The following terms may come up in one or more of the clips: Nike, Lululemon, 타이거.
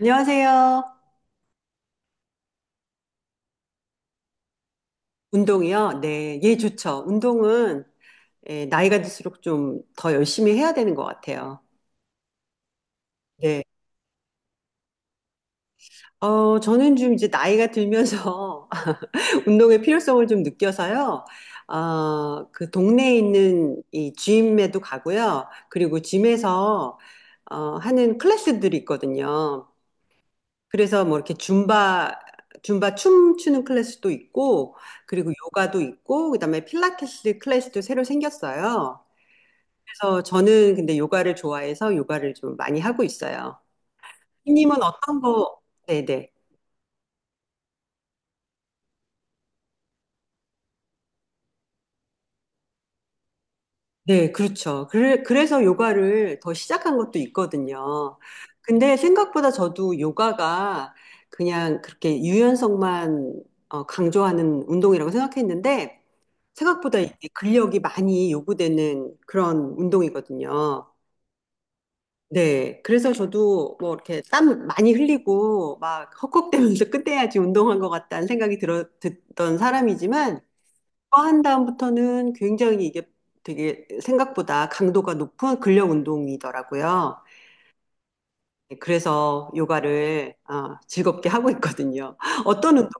안녕하세요. 운동이요? 네, 예, 좋죠. 운동은 예, 나이가 들수록 좀 더 열심히 해야 되는 것 같아요. 네. 저는 좀 이제 나이가 들면서 운동의 필요성을 좀 느껴서요. 그 동네에 있는 이 짐에도 가고요. 그리고 짐에서 하는 클래스들이 있거든요. 그래서 뭐 이렇게 줌바 춤추는 클래스도 있고, 그리고 요가도 있고, 그다음에 필라테스 클래스도 새로 생겼어요. 그래서 저는 근데 요가를 좋아해서 요가를 좀 많이 하고 있어요. 삐님은 어떤 거? 네네. 네, 그렇죠. 그래, 그래서 요가를 더 시작한 것도 있거든요. 근데 생각보다 저도 요가가 그냥 그렇게 유연성만 강조하는 운동이라고 생각했는데 생각보다 이게 근력이 많이 요구되는 그런 운동이거든요. 네, 그래서 저도 뭐 이렇게 땀 많이 흘리고 막 헉헉대면서 끝내야지 운동한 것 같다는 생각이 듣던 사람이지만 그거 한 다음부터는 굉장히 이게 되게 생각보다 강도가 높은 근력 운동이더라고요. 네, 그래서 요가를 즐겁게 하고 있거든요. 어떤 운동?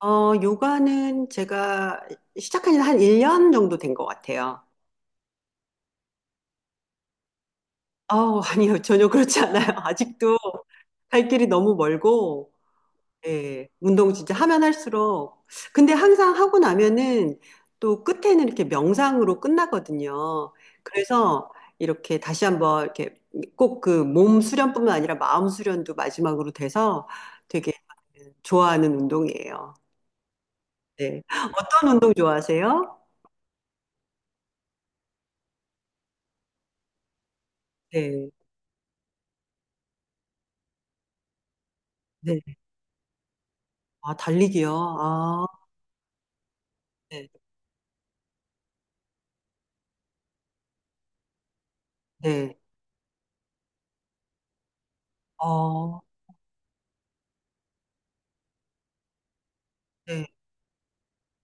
요가는 제가 시작한 지 한 1년 정도 된 것 같아요. 아니요, 전혀 그렇지 않아요. 아직도 갈 길이 너무 멀고 예, 운동 진짜 하면 할수록. 근데 항상 하고 나면은 또 끝에는 이렇게 명상으로 끝나거든요. 그래서 이렇게 다시 한번 이렇게 꼭 그 몸 수련뿐만 아니라 마음 수련도 마지막으로 돼서 되게 좋아하는 운동이에요. 네. 어떤 운동 좋아하세요? 네. 네. 아, 달리기요. 아, 네. 네. 어, 네.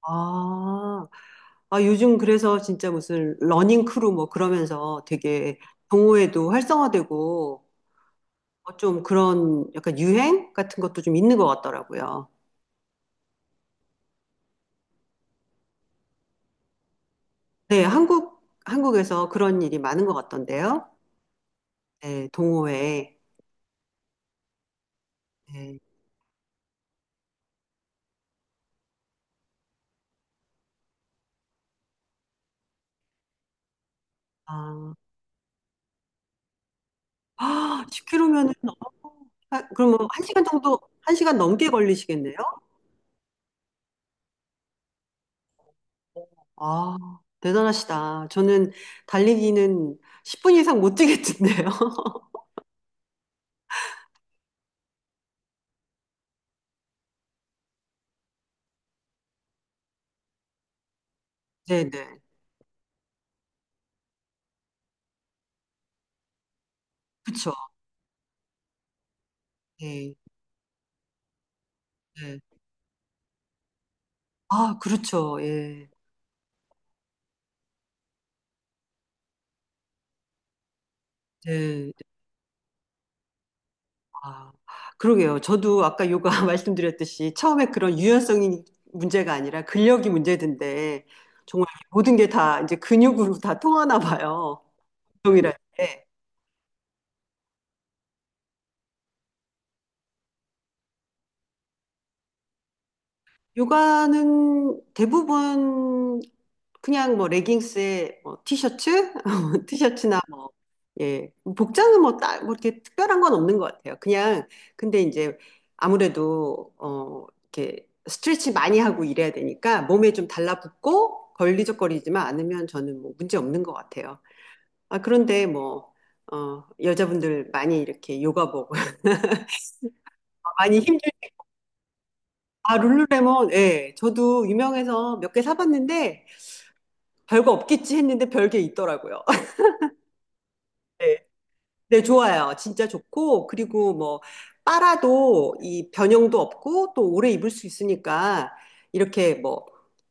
아. 아, 요즘 그래서 진짜 무슨 러닝 크루 뭐 그러면서 되게 동호회도 활성화되고 좀 그런 약간 유행 같은 것도 좀 있는 것 같더라고요. 네, 한국에서 그런 일이 많은 것 같던데요. 네, 동호회. 네. 아, 10km면은, 그럼 뭐 1시간 넘게 걸리시겠네요? 아, 대단하시다. 저는 달리기는 10분 이상 못 뛰겠던데요. 네네. 그쵸. 네. 네. 아, 그렇죠. 예. 네. 아, 그러게요. 저도 아까 요가 말씀드렸듯이 처음에 그런 유연성이 문제가 아니라 근력이 문제던데 정말 모든 게 다 이제 근육으로 다 통하나 봐요. 운동이라는 게. 요가는 대부분 그냥 뭐 레깅스에 뭐 티셔츠, 티셔츠나 뭐 예, 복장은 뭐 딱 뭐 이렇게 특별한 건 없는 것 같아요. 그냥 근데 이제 아무래도 이렇게 스트레치 많이 하고 이래야 되니까 몸에 좀 달라붙고 걸리적거리지만 않으면 저는 뭐 문제 없는 것 같아요. 아 그런데 뭐 여자분들 많이 이렇게 요가복 많이 힘들 아 룰루레몬 예 저도 유명해서 몇 개 사봤는데 별거 없겠지 했는데 별게 있더라고요. 네. 네, 좋아요. 진짜 좋고, 그리고 뭐, 빨아도 이 변형도 없고, 또 오래 입을 수 있으니까, 이렇게 뭐,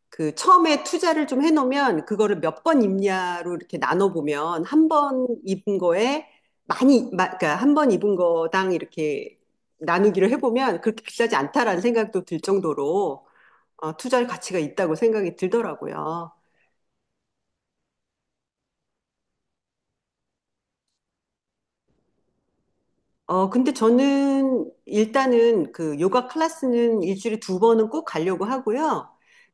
그 처음에 투자를 좀 해놓으면, 그거를 몇 번 입냐로 이렇게 나눠보면, 한 번 입은 거에 그러니까 한 번 입은 거당 이렇게 나누기를 해보면, 그렇게 비싸지 않다라는 생각도 들 정도로, 투자할 가치가 있다고 생각이 들더라고요. 근데 저는 일단은 그 요가 클래스는 일주일에 두 번은 꼭 가려고 하고요.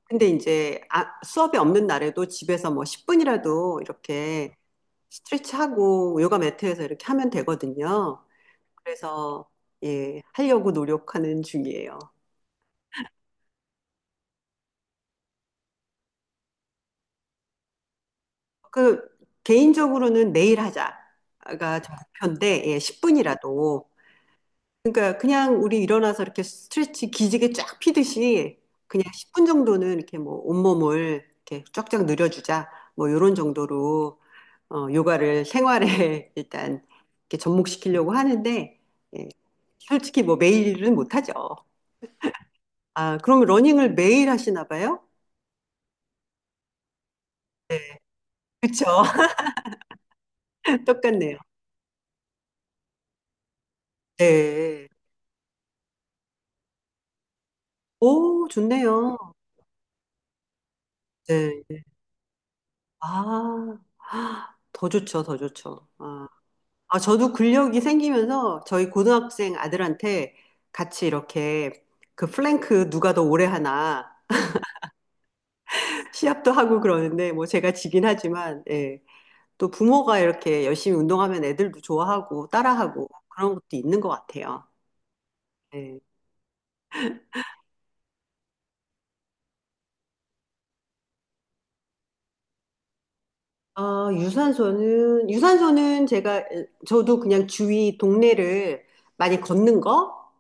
근데 이제 수업이 없는 날에도 집에서 뭐 10분이라도 이렇게 스트레치하고 요가 매트에서 이렇게 하면 되거든요. 그래서 예, 하려고 노력하는 중이에요. 그 개인적으로는 매일 하자가 저 목표인데 예, 10분이라도 그러니까 그냥 우리 일어나서 이렇게 스트레치 기지개 쫙 피듯이 그냥 10분 정도는 이렇게 뭐 온몸을 이렇게 쫙쫙 늘려주자. 뭐 요런 정도로 요가를 생활에 일단 이렇게 접목시키려고 하는데 예, 솔직히 뭐 매일은 못하죠. 아, 그럼 러닝을 매일 하시나 봐요? 네. 그쵸. 똑같네요. 네. 오, 좋네요. 네. 아, 더 좋죠, 더 좋죠. 아. 아, 저도 근력이 생기면서 저희 고등학생 아들한테 같이 이렇게 그 플랭크 누가 더 오래 하나 시합도 하고 그러는데 뭐 제가 지긴 하지만 예. 또 부모가 이렇게 열심히 운동하면 애들도 좋아하고 따라하고 그런 것도 있는 것 같아요. 예. 아, 유산소는 제가 저도 그냥 주위 동네를 많이 걷는 거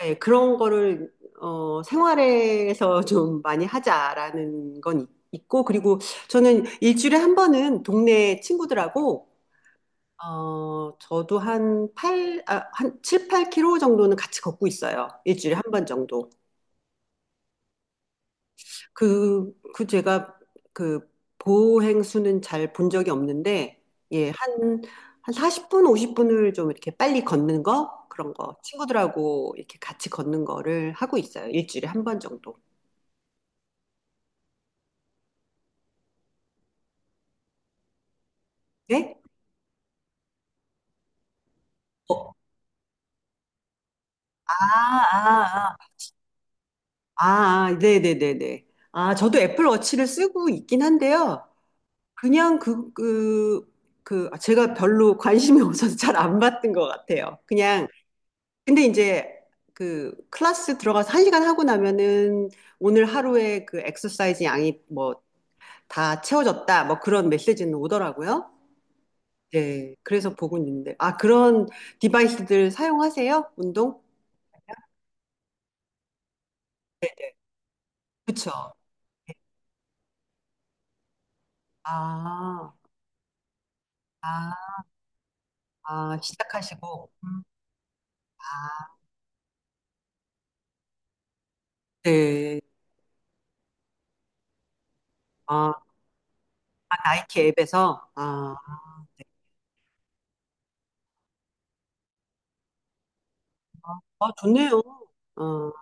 네, 그런 거를 생활에서 좀 많이 하자라는 건 있고, 그리고 저는 일주일에 한 번은 동네 친구들하고, 저도 한 7, 8킬로 정도는 같이 걷고 있어요. 일주일에 한 번 정도. 그, 그 제가 그 보행수는 잘 본 적이 없는데, 예, 한 40분, 50분을 좀 이렇게 빨리 걷는 거, 그런 거, 친구들하고 이렇게 같이 걷는 거를 하고 있어요. 일주일에 한 번 정도. 네? 어, 아, 아, 아, 네네네네. 아, 저도 애플워치를 쓰고 있긴 한데요. 그냥 제가 별로 관심이 없어서 잘 안 봤던 것 같아요. 그냥, 근데 이제 그 클래스 들어가서 한 시간 하고 나면은 오늘 하루에 그 엑서사이즈 양이 뭐 다 채워졌다. 뭐 그런 메시지는 오더라고요. 네. 그래서 보고 있는데. 아, 그런 디바이스들 사용하세요? 운동? 네, 네. 그쵸. 네. 아. 아, 아, 시작하시고. 음. 아, 네. 아, 아, 나이키 앱에서. 아, 아, 좋네요. 어,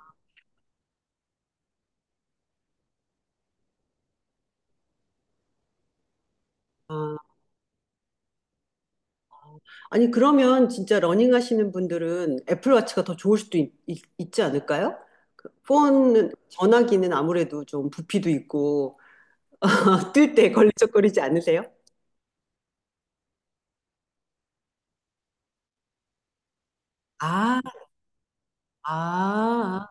아. 아니, 그러면 진짜 러닝 하시는 분들은 애플워치가 더 좋을 수도 있지 않을까요? 그 전화기는 아무래도 좀 부피도 있고, 뜰 때 걸리적거리지 않으세요? 아, 아,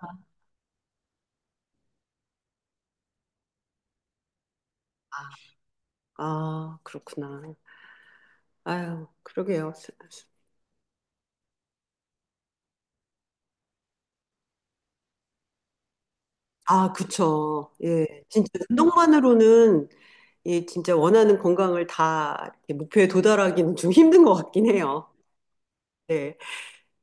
아, 아, 그렇구나. 아유, 그러게요. 아, 그쵸. 예. 진짜 운동만으로는 이 진짜 원하는 건강을 다 이렇게 목표에 도달하기는 좀 힘든 것 같긴 해요. 네.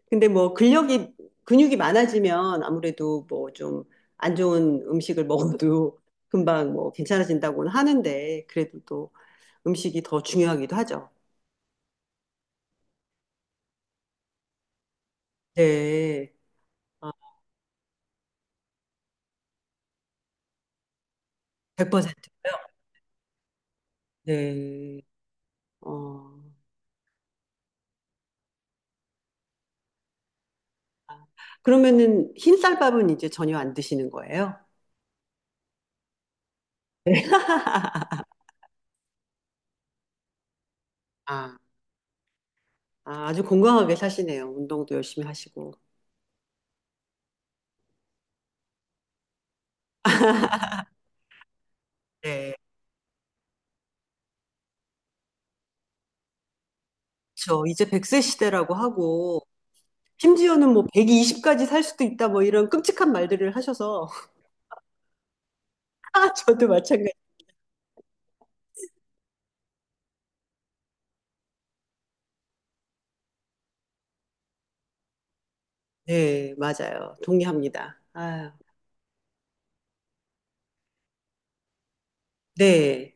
근데 뭐 근육이 많아지면 아무래도 뭐 좀 안 좋은 음식을 먹어도 금방 뭐 괜찮아진다고는 하는데 그래도 또 음식이 더 중요하기도 하죠. 네. 아, 100%. 네. 어. 그러면은 흰쌀밥은 이제 전혀 안 드시는 거예요? 네. 아, 아, 아주 건강하게 사시네요. 운동도 열심히 하시고. 네. 그렇죠. 이제 100세 시대라고 하고 심지어는 뭐 120까지 살 수도 있다 뭐 이런 끔찍한 말들을 하셔서 아, 저도 마찬가지. 네, 맞아요. 동의합니다. 아, 네.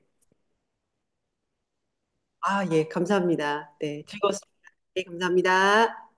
아, 예, 감사합니다. 네, 즐거웠습니다. 네, 감사합니다.